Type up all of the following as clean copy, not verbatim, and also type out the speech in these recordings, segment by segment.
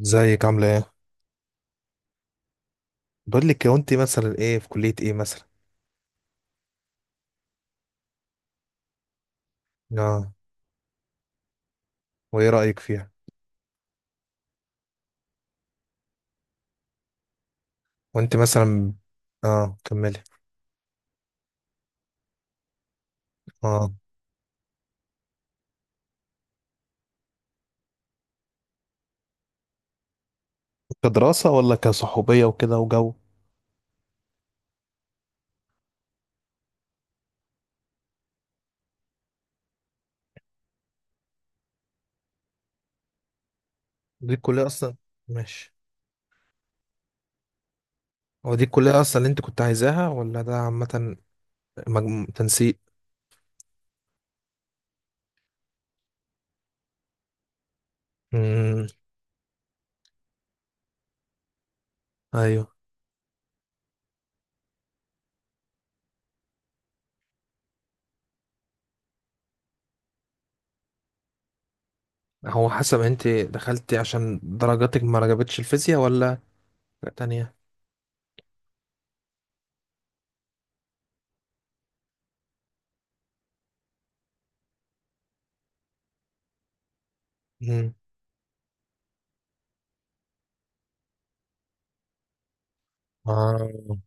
ازيك عاملة ايه؟ بقول لك هو انت مثلا ايه في كلية ايه مثلا؟ اه. وايه رأيك فيها؟ وانت مثلا. اه، كملي. اه. كدراسة ولا كصحوبية وكده وجو؟ دي الكلية اصلا. ماشي. هو دي الكلية اصلا اللي انت كنت عايزاها ولا ده عامة، مجمو... تنسيق؟ امم ايوه. هو حسب انت دخلتي عشان درجاتك ما عجبتش الفيزياء ولا حاجة تانية؟ امم اه.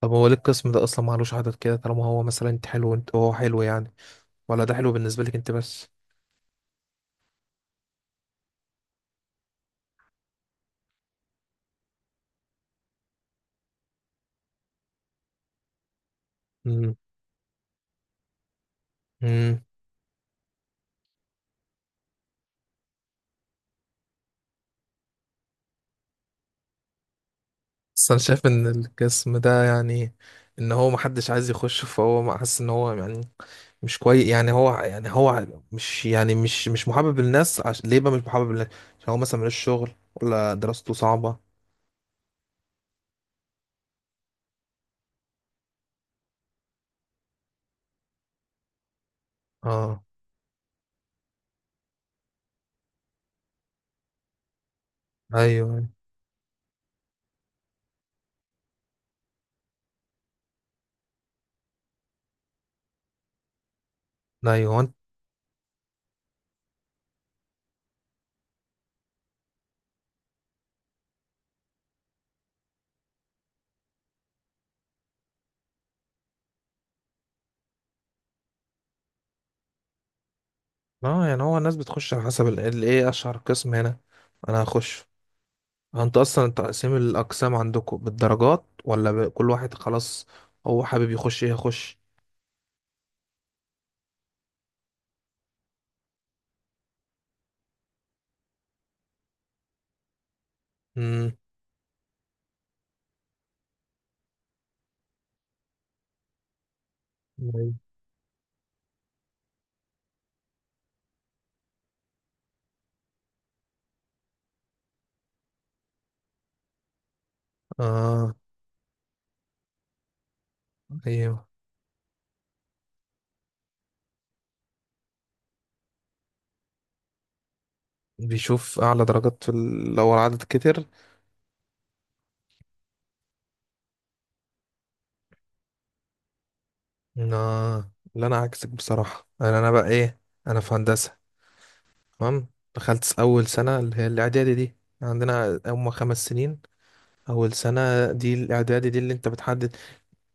طب هو ليه القسم ده اصلا معلوش عدد كده طالما هو مثلا انت حلو وانت هو حلو يعني، ولا ده حلو بالنسبة لك انت بس؟ امم امم بس انا شايف ان القسم ده يعني ان هو محدش عايز يخش، فهو حاسس ان هو يعني مش كويس، يعني هو يعني هو مش يعني مش محبب للناس، ليه بقى مش محبب للناس؟ عشان هو مثلا ملوش شغل ولا دراسته صعبة. اه. ايوه، ايوه. هو انت. اه، يعني هو الناس بتخش على حسب ايه اشهر قسم هنا. انا هخش. هو انت اصلا تقسيم الاقسام عندكم بالدرجات، ولا ب... كل واحد خلاص هو حابب يخش ايه يخش؟ أيوة. اه. ايوه. بيشوف اعلى درجات في لو العدد كتر. آه. لا انا عكسك بصراحه، انا بقى ايه، انا في هندسه. تمام. دخلت اول سنه اللي هي الاعدادي دي. عندنا هم 5 سنين. اول سنه دي الاعدادي دي اللي انت بتحدد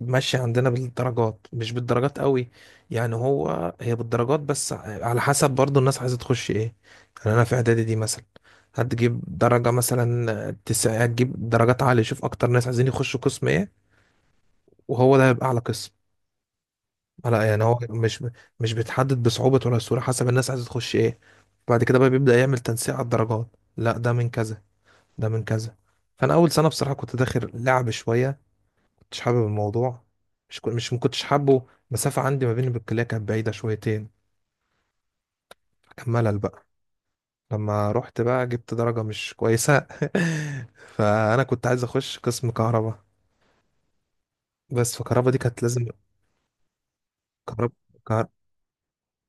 ماشي. عندنا بالدرجات مش بالدرجات قوي، يعني هو هي بالدرجات بس على حسب برضو الناس عايزة تخش ايه. يعني انا في اعدادي دي مثلا، هتجيب درجة مثلا 9، هتجيب درجات عالية، شوف اكتر ناس عايزين يخشوا قسم ايه، وهو ده هيبقى اعلى قسم. لا يعني هو مش، مش بيتحدد بصعوبة ولا سهولة، حسب الناس عايزة تخش ايه. بعد كده بقى بيبدأ يعمل تنسيق على الدرجات، لا ده من كذا، ده من كذا. فانا اول سنة بصراحة كنت داخل لعب شوية، مش حابب الموضوع. مش، ما كنتش حابه المسافة، عندي ما بيني بالكلية كانت بعيدة شويتين، فكان ملل بقى. لما رحت بقى جبت درجة مش كويسة فأنا كنت عايز أخش قسم كهرباء، بس فكهرباء دي كانت لازم كهرباء كهر...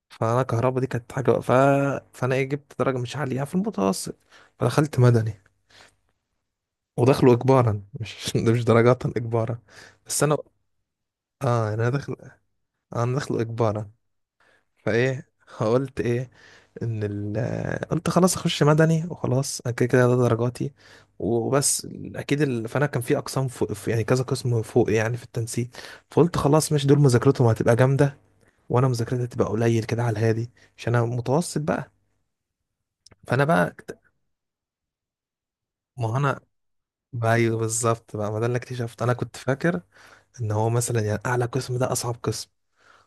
فأنا كهرباء دي كانت حاجة فأنا إيه جبت درجة مش عالية في المتوسط، فدخلت مدني ودخله إجبارا، مش ده مش درجات، إجبارا. بس أنا، آه يعني أنا داخل، أنا داخله إجبارا. فإيه، قلت إيه، قلت خلاص اخش مدني وخلاص، انا كده كده ده درجاتي وبس. فانا كان في اقسام فوق يعني كذا قسم فوق يعني في التنسيق. فقلت خلاص مش دول مذاكرتهم هتبقى جامده، وانا مذاكرتي هتبقى قليل كده على الهادي عشان انا متوسط بقى. فانا بقى اكت- ما هو انا، ايوه بالظبط بقى. ما ده اللي اكتشفت، انا كنت فاكر ان هو مثلا يعني اعلى قسم ده اصعب قسم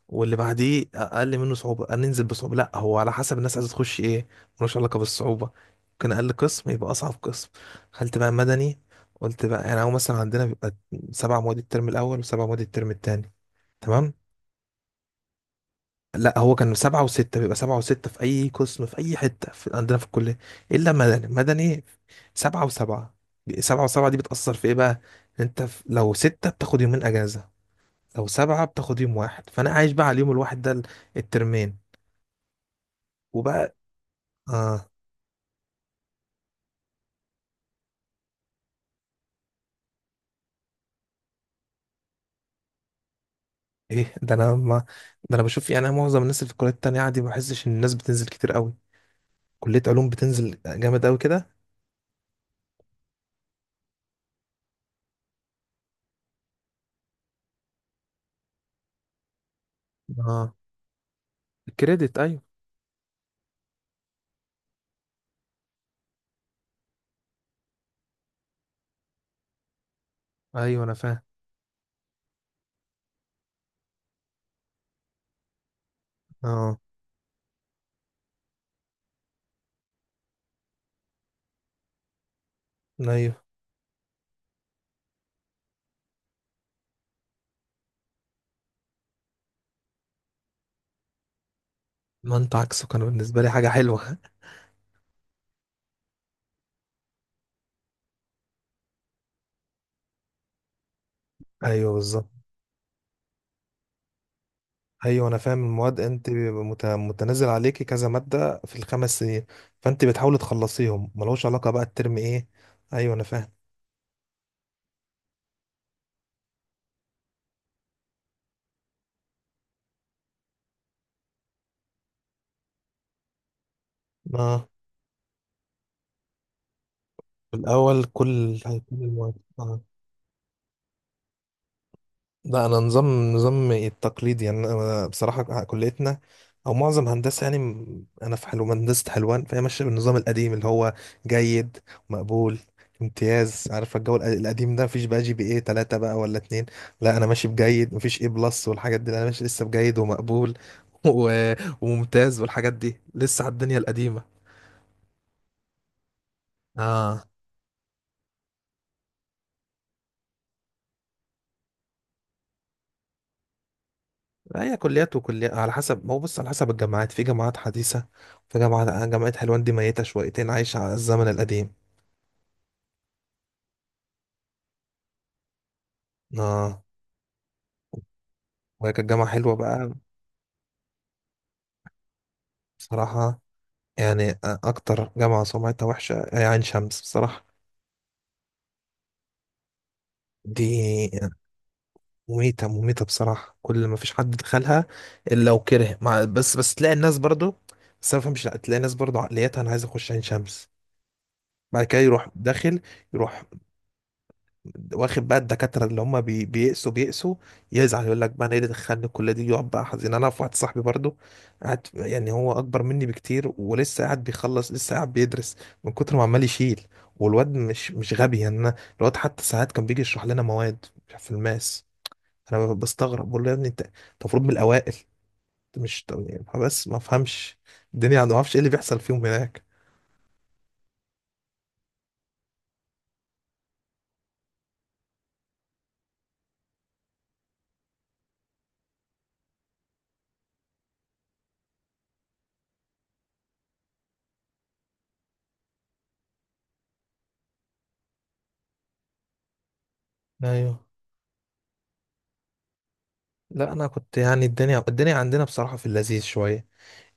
واللي بعديه اقل منه صعوبه، قال ننزل بصعوبه، لا هو على حسب الناس عايزه تخش ايه، ملوش علاقه بالصعوبه. ممكن اقل قسم يبقى اصعب قسم. دخلت بقى مدني، قلت بقى يعني هو مثلا عندنا بيبقى 7 مواد الترم الاول وسبع مواد الترم التاني. تمام. لا هو كان 7 و6، بيبقى 7 و6 في أي قسم في أي حتة في عندنا في الكلية، إلا مدني. مدني 7 و7. سبعة وسبعة دي بتأثر في إيه بقى؟ إن أنت لو ستة بتاخد يومين أجازة، لو سبعة بتاخد يوم واحد. فأنا عايش بقى على اليوم الواحد ده الترمين. وبقى اه. ايه ده، انا ما... ده انا بشوف يعني معظم الناس اللي في الكليات التانية عادي، ما بحسش ان الناس بتنزل كتير قوي. كلية علوم بتنزل جامد قوي كده. اه. الكريدت، ايوه. ايوه انا فاهم. اه. ايوه. ما انت عكسه، كان بالنسبة لي حاجة حلوة. ايوه بالظبط. ايوه انا فاهم. المواد انت بيبقى متنازل عليكي كذا مادة في الخمس سنين، فانت بتحاولي تخلصيهم ملوش علاقة بقى الترم ايه. ايوه انا فاهم. اه. في الاول كل هيكون المواد. اه. لا انا نظام التقليدي يعني، انا بصراحه كليتنا او معظم هندسه يعني، انا في حلو هندسه حلوان، فهي ماشيه بالنظام القديم اللي هو جيد، مقبول، امتياز. عارف الجو القديم ده، مفيش بقى جي بي ايه 3 بقى ولا 2. لا انا ماشي بجيد، مفيش ايه بلس والحاجات دي، لا، انا ماشي لسه بجيد ومقبول و... وممتاز والحاجات دي، لسه على الدنيا القديمه. اه. هي كليات وكليات على حسب، ما هو بص على حسب الجامعات، في جامعات حديثة، في جامعة حلوان دي ميتة شويتين، عايشة على الزمن القديم. اه. وهي كانت جامعة حلوة بقى، بصراحة. يعني أكتر جامعة سمعتها وحشة هي عين شمس بصراحة. دي مميتة مميتة بصراحة، كل ما فيش حد دخلها إلا لو كره، مع بس تلاقي الناس برضو. بس أنا ما بفهمش، لا تلاقي الناس برضو عقليتها أنا عايز أخش عين شمس، بعد كده يروح داخل، يروح واخد بقى الدكاترة اللي هم بيقسوا بيقسوا، يزعل يقول لك بقى انا ايه اللي دخلني الكلية دي، يقعد بقى حزين. انا في واحد صاحبي برضو قاعد، يعني هو اكبر مني بكتير ولسه قاعد بيخلص، لسه قاعد بيدرس من كتر ما عمال يشيل. والواد مش غبي يعني، أنا الواد حتى ساعات كان بيجي يشرح لنا مواد في الماس، انا بستغرب بقول له يا ابني أنت المفروض من الاوائل، أنت مش، طب يعني، بس ما افهمش الدنيا عنده، ما اعرفش ايه اللي بيحصل فيهم هناك. ايوه. لا انا كنت يعني الدنيا عندنا بصراحة في اللذيذ شوية،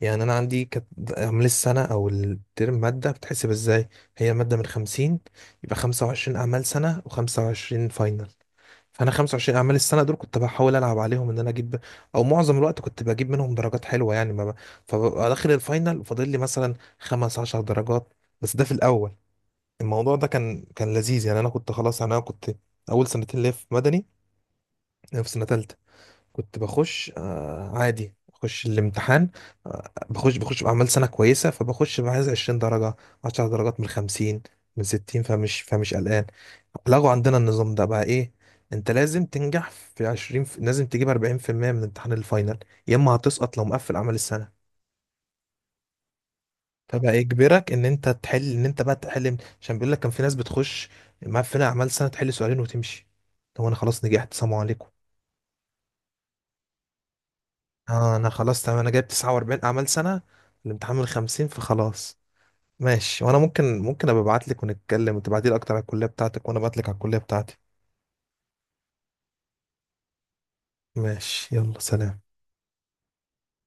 يعني انا عندي كانت عمل السنه او الترم ماده بتحسب ازاي، هي الماده من 50، يبقى 25 اعمال سنه و25 فاينل. فانا 25 اعمال السنه دول كنت بحاول العب عليهم ان انا اجيب، او معظم الوقت كنت بجيب منهم درجات حلوه يعني ما ب... فببقى داخل الفاينل وفاضل لي مثلا 5 10 درجات، بس ده في الاول. الموضوع ده كان لذيذ يعني، انا كنت خلاص يعني انا كنت اول سنتين ليا في مدني في سنه ثالثه. كنت بخش عادي بخش الامتحان. بخش بعمل سنة كويسة، فبخش بعايز 20 درجة، 10 درجات من 50، من 60، فمش قلقان. لغوا عندنا النظام ده بقى، ايه، انت لازم تنجح في 20 لازم تجيب 40% من امتحان الفاينل، يا اما هتسقط لو مقفل اعمال السنة. فبقى يجبرك ان انت تحل، ان انت بقى تحل، عشان بيقول لك كان في ناس بتخش مقفلة اعمال سنة، تحل سؤالين وتمشي. هو انا خلاص نجحت، سلام عليكم. اه انا خلاص تمام، انا جايب 49 اعمال سنه، الامتحان من 50، فخلاص. ماشي، وانا ممكن ابقى ابعت لك ونتكلم وتبعتي لي اكتر على الكليه بتاعتك، وانا ابعت لك على الكليه بتاعتي. ماشي، يلا سلام.